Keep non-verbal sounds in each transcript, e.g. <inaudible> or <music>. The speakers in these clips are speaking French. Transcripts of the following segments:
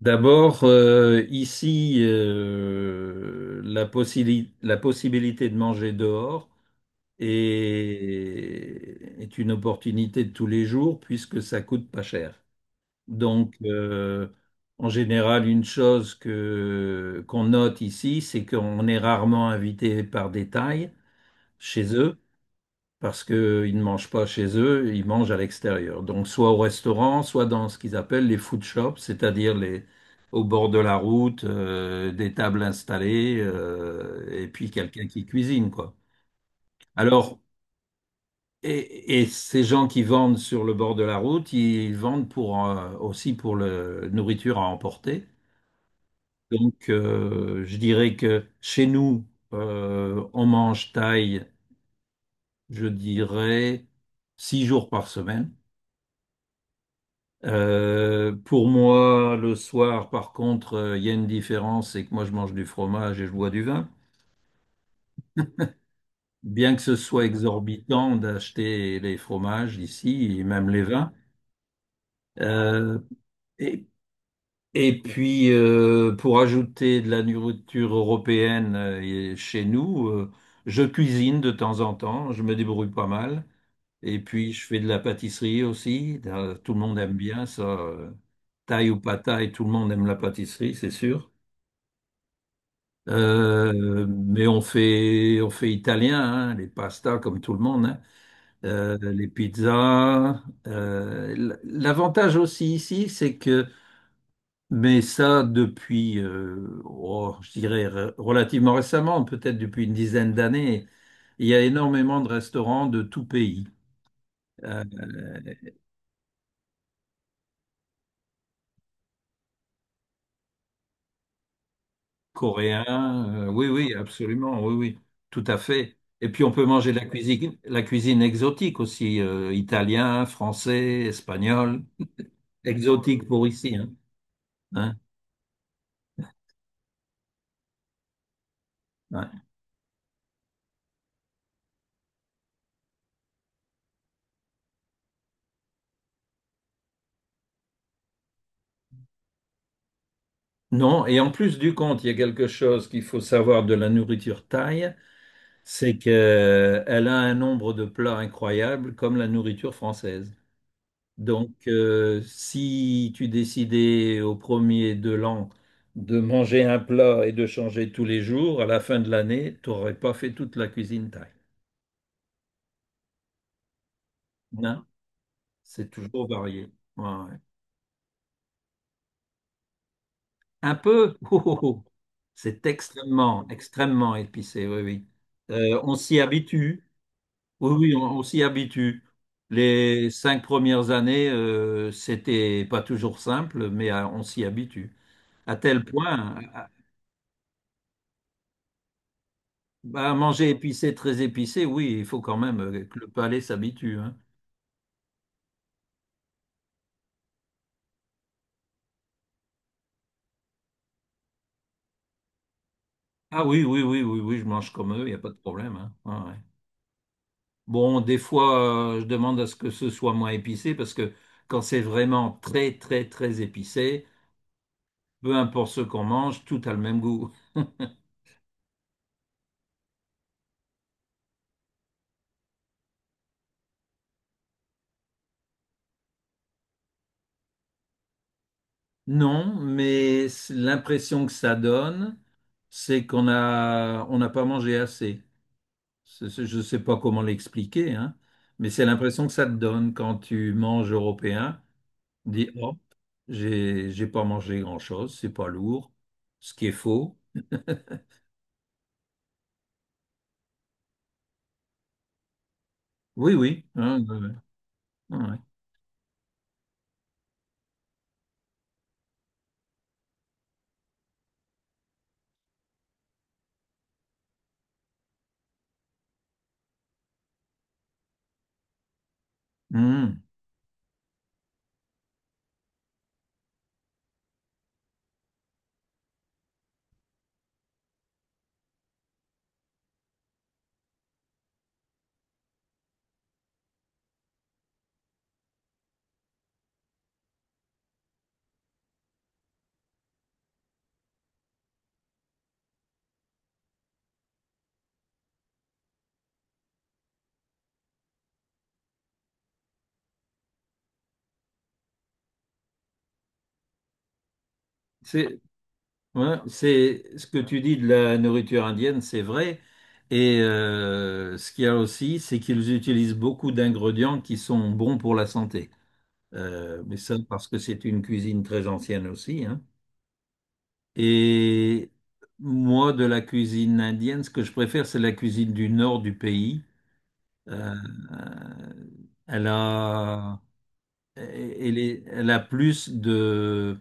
D'abord, ici, la possibilité de manger dehors est une opportunité de tous les jours puisque ça coûte pas cher. Donc, en général, une chose que qu'on note ici, c'est qu'on est rarement invité par des tailles chez eux parce qu'ils ne mangent pas chez eux, ils mangent à l'extérieur. Donc soit au restaurant, soit dans ce qu'ils appellent les food shops, c'est-à-dire les au bord de la route, des tables installées, et puis quelqu'un qui cuisine, quoi. Alors, et ces gens qui vendent sur le bord de la route, ils vendent pour, aussi pour la nourriture à emporter. Donc, je dirais que chez nous, on mange thaï, je dirais, 6 jours par semaine. Pour moi, le soir, par contre, il y a une différence, c'est que moi, je mange du fromage et je bois du vin. Bien que ce soit exorbitant d'acheter les fromages ici et même les vins. Euh, et, et puis, pour ajouter de la nourriture européenne et chez nous, je cuisine de temps en temps, je me débrouille pas mal. Et puis, je fais de la pâtisserie aussi. Tout le monde aime bien ça. Thaï ou pas thaï, tout le monde aime la pâtisserie, c'est sûr. Mais on fait italien, hein, les pastas comme tout le monde, hein, les pizzas. L'avantage aussi ici, c'est que, mais ça depuis, oh, je dirais relativement récemment, peut-être depuis une dizaine d'années, il y a énormément de restaurants de tout pays. Euh, Coréen. Oui, oui, absolument. Oui, oui, tout à fait. Et puis on peut manger la cuisine exotique aussi, italien, français, espagnol. Exotique pour ici, hein. Hein, ouais. Non, et en plus du compte, il y a quelque chose qu'il faut savoir de la nourriture thaï, c'est qu'elle a un nombre de plats incroyable comme la nourriture française. Donc, si tu décidais au premier de l'an de manger un plat et de changer tous les jours, à la fin de l'année, tu n'aurais pas fait toute la cuisine thaï. Non, c'est toujours varié. Ouais, ouais. Un peu, <laughs> oh, oh, oh. C'est extrêmement, extrêmement épicé, oui, oui. On s'y habitue, oui, oui, on s'y habitue. Les 5 premières années, c'était pas toujours simple, mais on s'y habitue. À tel point. Bah, manger épicé, très épicé, oui, il faut quand même que le palais s'habitue, hein. Ah oui, oui, oui, oui, oui, je mange comme eux, il n'y a pas de problème, hein. Ouais, ouais. Bon, des fois, je demande à ce que ce soit moins épicé parce que quand c'est vraiment très, très, très épicé, peu importe ce qu'on mange, tout a le même goût. Non, mais l'impression que ça donne, c'est on n'a pas mangé assez. Je ne sais pas comment l'expliquer, hein, mais c'est l'impression que ça te donne quand tu manges européen. Dit oh, j'ai pas mangé grand-chose, c'est pas lourd, ce qui est faux. Oui, oui, hein, ouais, ouais, ouais. Mhm. C'est Ouais, c'est ce que tu dis de la nourriture indienne, c'est vrai. Et ce qu'il y a aussi, c'est qu'ils utilisent beaucoup d'ingrédients qui sont bons pour la santé. Mais ça, parce que c'est une cuisine très ancienne aussi, hein. Et moi, de la cuisine indienne, ce que je préfère, c'est la cuisine du nord du pays. Euh, Elle a, euh, elle a plus de,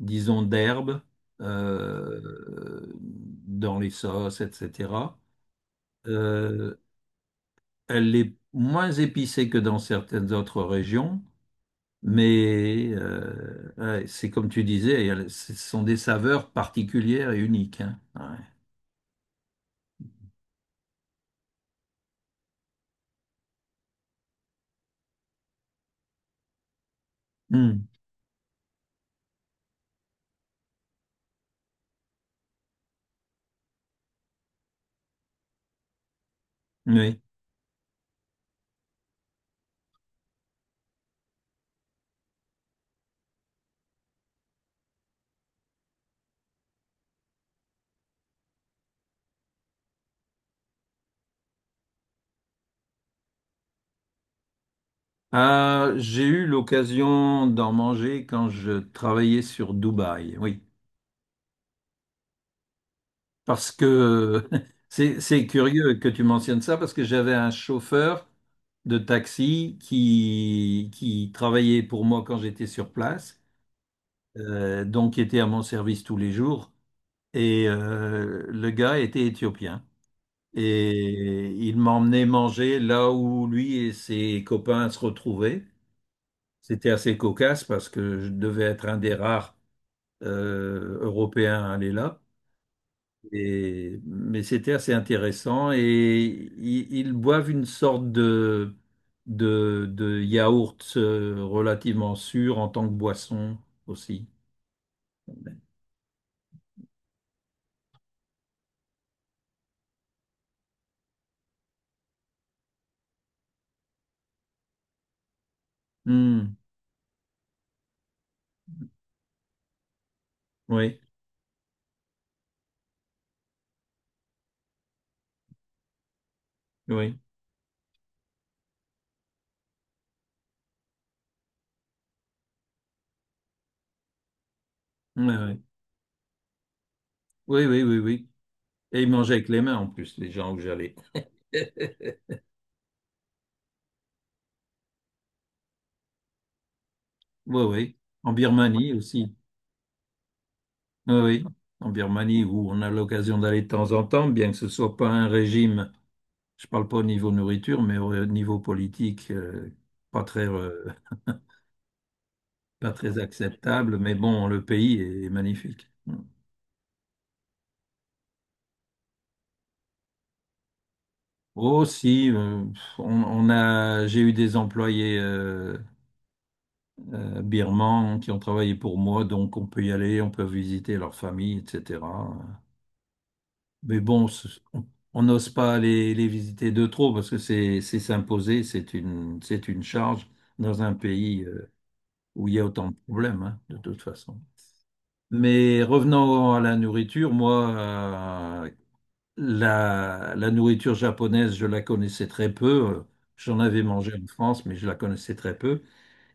disons, d'herbes euh, dans les sauces, etc. Euh, Elle est moins épicée que dans certaines autres régions, mais ouais, c'est comme tu disais, ce sont des saveurs particulières et uniques, hein. Ouais. Hmm. Oui. Ah, j'ai eu l'occasion d'en manger quand je travaillais sur Dubaï. Oui. Parce que <laughs> c'est curieux que tu mentionnes ça, parce que j'avais un chauffeur de taxi qui travaillait pour moi quand j'étais sur place, donc qui était à mon service tous les jours. Et le gars était éthiopien. Et il m'emmenait manger là où lui et ses copains se retrouvaient. C'était assez cocasse parce que je devais être un des rares Européens à aller là. Mais c'était assez intéressant et boivent une sorte de yaourt relativement sûr en tant que boisson aussi. Hmm, oui, oui, oui, oui, oui, oui, oui, oui. Et ils mangeaient avec les mains en plus, les gens où j'allais. <laughs> Oui, oui, en Birmanie aussi. Oui, oui, en Birmanie où on a l'occasion d'aller de temps en temps, bien que ce soit pas un régime, je parle pas au niveau nourriture, mais au niveau politique, pas très, pas très acceptable, mais bon, le pays est magnifique. Oh, si, on a, j'ai eu des employés birmans qui ont travaillé pour moi, donc on peut y aller, on peut visiter leur famille, etc. Mais bon, on n'ose pas les visiter de trop parce que c'est s'imposer, c'est une charge dans un pays où il y a autant de problèmes, hein, de toute façon. Mais revenons à la nourriture, moi, la nourriture japonaise, je la connaissais très peu. Euh, J'en avais mangé en France, mais je la connaissais très peu.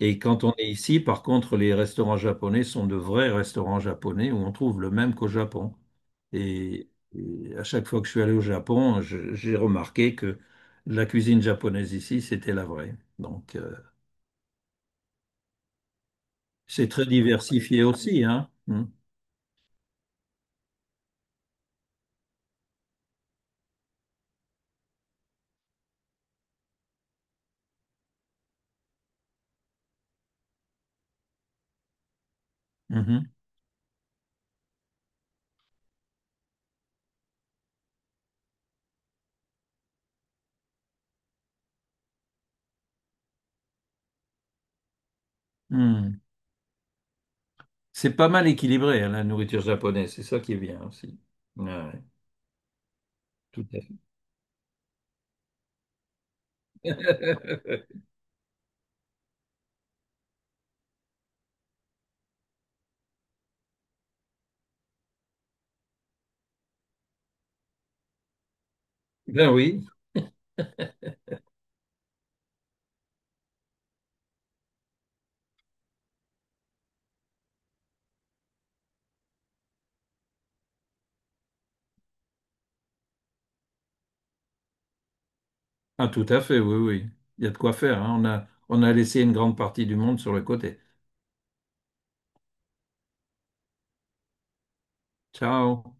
Et quand on est ici, par contre, les restaurants japonais sont de vrais restaurants japonais où on trouve le même qu'au Japon. Et, et à chaque fois que je suis allé au Japon, j'ai remarqué que la cuisine japonaise ici, c'était la vraie. Donc, c'est très diversifié aussi, hein. Mm. Mhm. Mm. C'est pas mal équilibré, hein, la nourriture japonaise. C'est ça qui est bien aussi. Ouais, ouais. Tout à <laughs> Ben oui, ah, tout à fait, oui, oui. Il y a de quoi faire, hein. On a laissé une grande partie du monde sur le côté. Ciao.